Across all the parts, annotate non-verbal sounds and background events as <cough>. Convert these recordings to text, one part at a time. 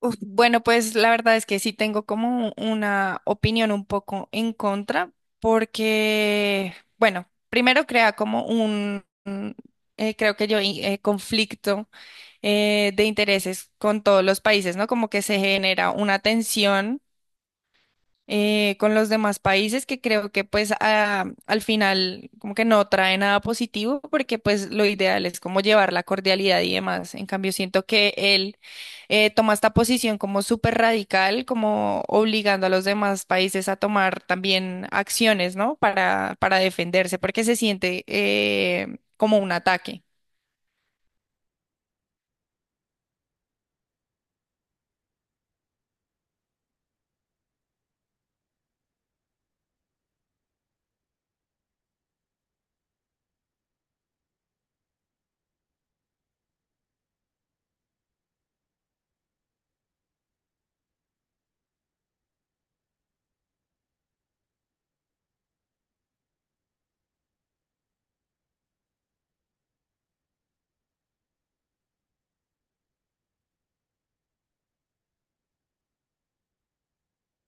Bueno, pues la verdad es que sí tengo como una opinión un poco en contra, porque, bueno, primero crea como un, creo que yo, conflicto de intereses con todos los países, ¿no? Como que se genera una tensión con los demás países que creo que pues al final como que no trae nada positivo porque pues lo ideal es como llevar la cordialidad y demás. En cambio, siento que él toma esta posición como súper radical, como obligando a los demás países a tomar también acciones, ¿no? Para defenderse porque se siente como un ataque.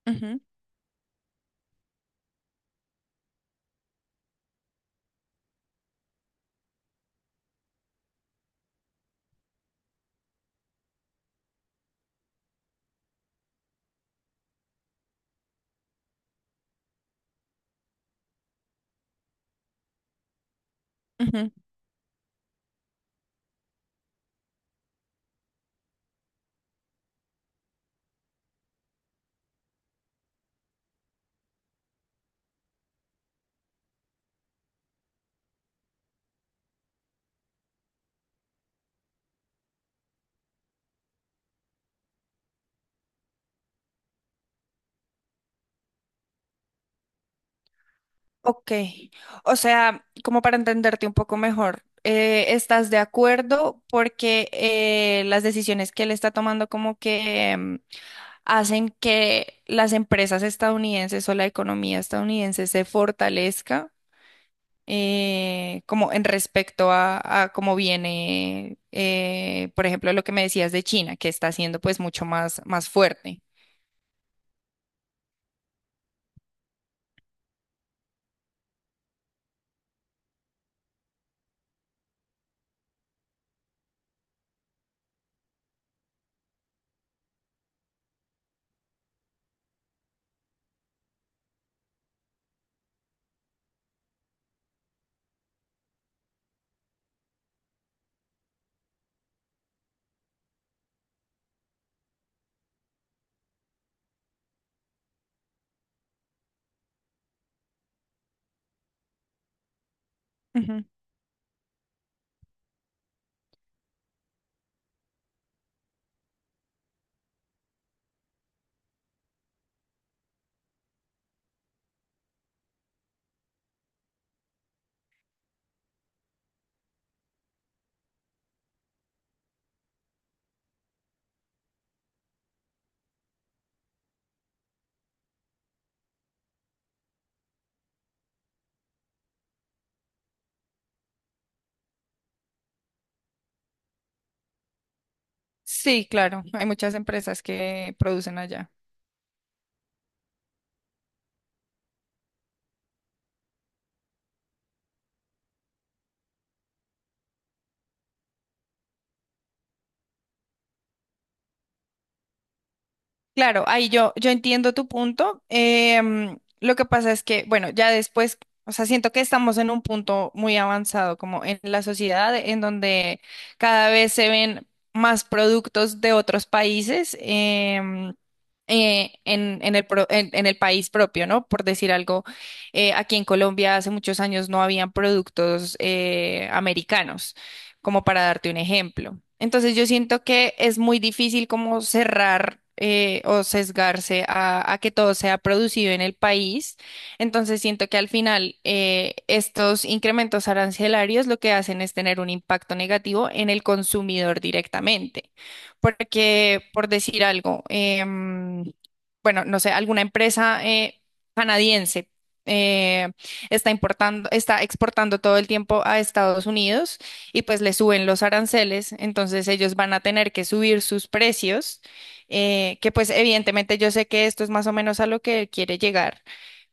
Ujú, ujú. Ok, o sea, como para entenderte un poco mejor, estás de acuerdo porque las decisiones que él está tomando como que hacen que las empresas estadounidenses o la economía estadounidense se fortalezca como en respecto a cómo viene, por ejemplo, lo que me decías de China, que está siendo pues mucho más, más fuerte? Ujú. Sí, claro, hay muchas empresas que producen allá. Claro, ahí yo entiendo tu punto. Em, lo que pasa es que, bueno, ya después, o sea, siento que estamos en un punto muy avanzado como en la sociedad, en donde cada vez se ven más productos de otros países em, en el país propio, ¿no? Por decir algo, aquí en Colombia hace muchos años no habían productos americanos como para darte un ejemplo. Entonces yo siento que es muy difícil como cerrar o sesgarse a que todo sea producido en el país. Entonces siento que al final estos incrementos arancelarios lo que hacen es tener un impacto negativo en el consumidor directamente. Porque, por decir algo, em, bueno, no sé, alguna empresa canadiense eh, está exportando todo el tiempo a Estados Unidos y pues le suben los aranceles, entonces ellos van a tener que subir sus precios, que pues evidentemente yo sé que esto es más o menos a lo que quiere llegar,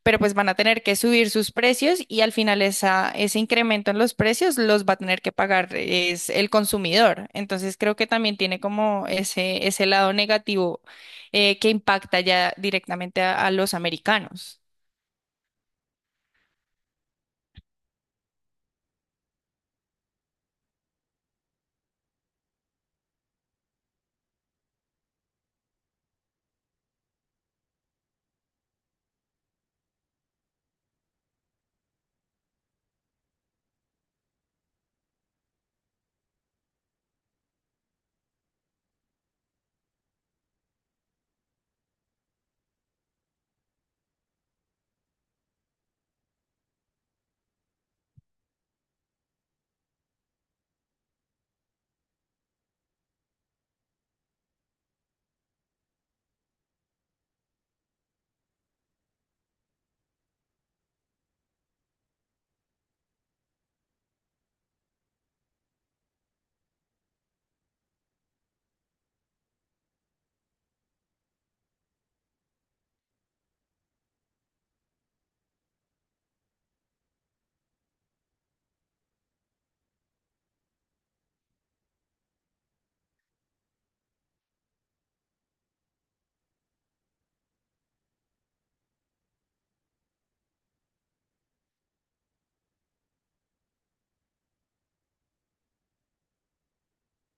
pero pues van a tener que subir sus precios y al final ese incremento en los precios los va a tener que pagar es el consumidor. Entonces creo que también tiene como ese lado negativo que impacta ya directamente a los americanos.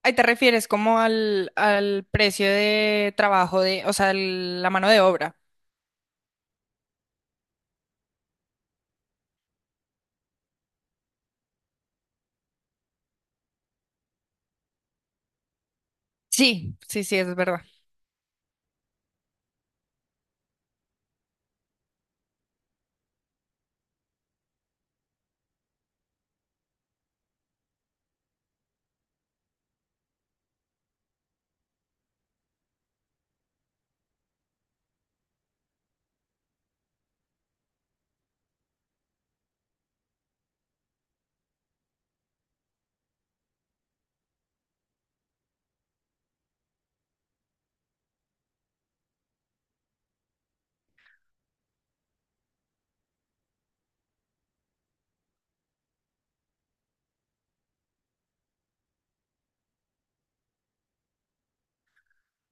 Ahí te refieres como al, al precio de trabajo de, o sea, la mano de obra. Sí, sí, sí, es verdad.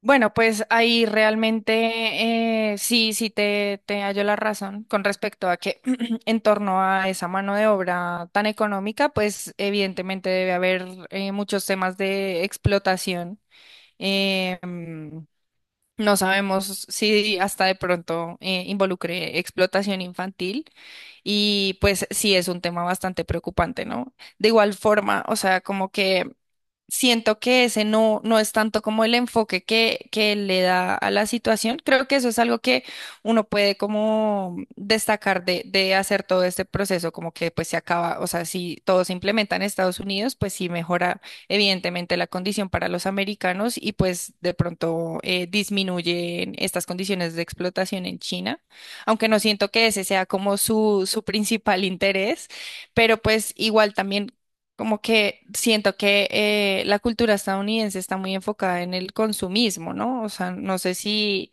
Bueno, pues ahí realmente sí, sí te hallo la razón con respecto a que <clears throat> en torno a esa mano de obra tan económica, pues evidentemente debe haber muchos temas de explotación. Eh, mm, no sabemos si hasta de pronto involucre explotación infantil y pues sí es un tema bastante preocupante, ¿no? De igual forma, o sea, como que siento que ese no, no es tanto como el enfoque que le da a la situación. Creo que eso es algo que uno puede como destacar de hacer todo este proceso, como que pues se acaba, o sea, si todo se implementa en Estados Unidos, pues sí mejora evidentemente la condición para los americanos y pues de pronto disminuyen estas condiciones de explotación en China, aunque no siento que ese sea como su principal interés pero pues igual también como que siento que la cultura estadounidense está muy enfocada en el consumismo, ¿no? O sea, no sé si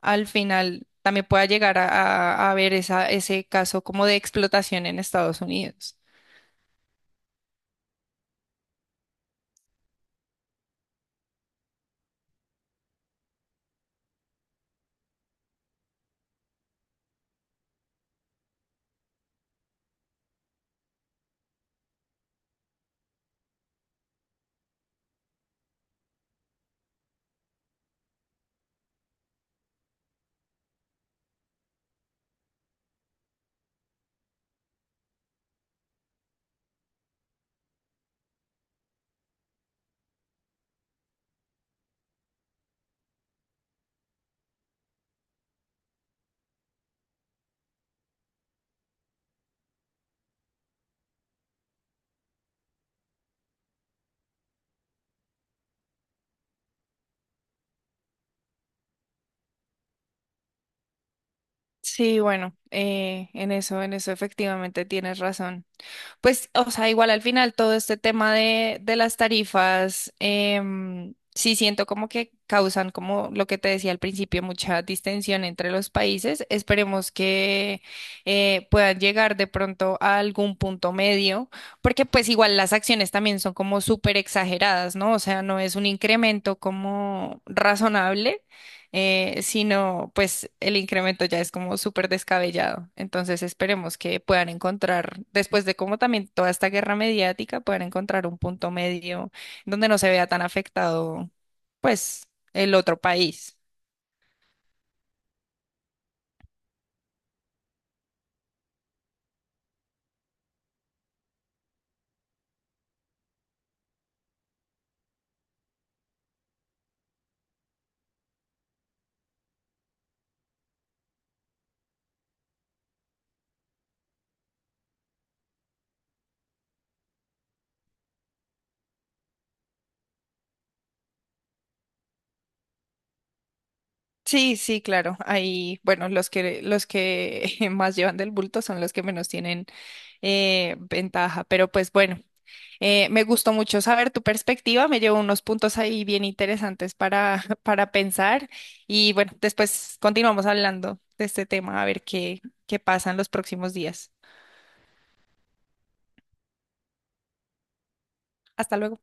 al final también pueda llegar a ver ese caso como de explotación en Estados Unidos. Sí, bueno, en eso efectivamente tienes razón. Pues, o sea, igual al final todo este tema de las tarifas, em, sí siento como que causan, como lo que te decía al principio, mucha distensión entre los países. Esperemos que puedan llegar de pronto a algún punto medio, porque pues igual las acciones también son como súper exageradas, ¿no? O sea, no es un incremento como razonable sino pues el incremento ya es como súper descabellado. Entonces esperemos que puedan encontrar, después de como también toda esta guerra mediática, puedan encontrar un punto medio donde no se vea tan afectado, pues, el otro país. Sí, sí, claro. Ahí, bueno, los que <laughs> más llevan del bulto son los que menos tienen ventaja. Pero pues bueno, me gustó mucho saber tu perspectiva. Me llevo unos puntos ahí bien interesantes para <laughs> para pensar. Y bueno, después continuamos hablando de este tema a ver qué pasa en los próximos días. Hasta luego.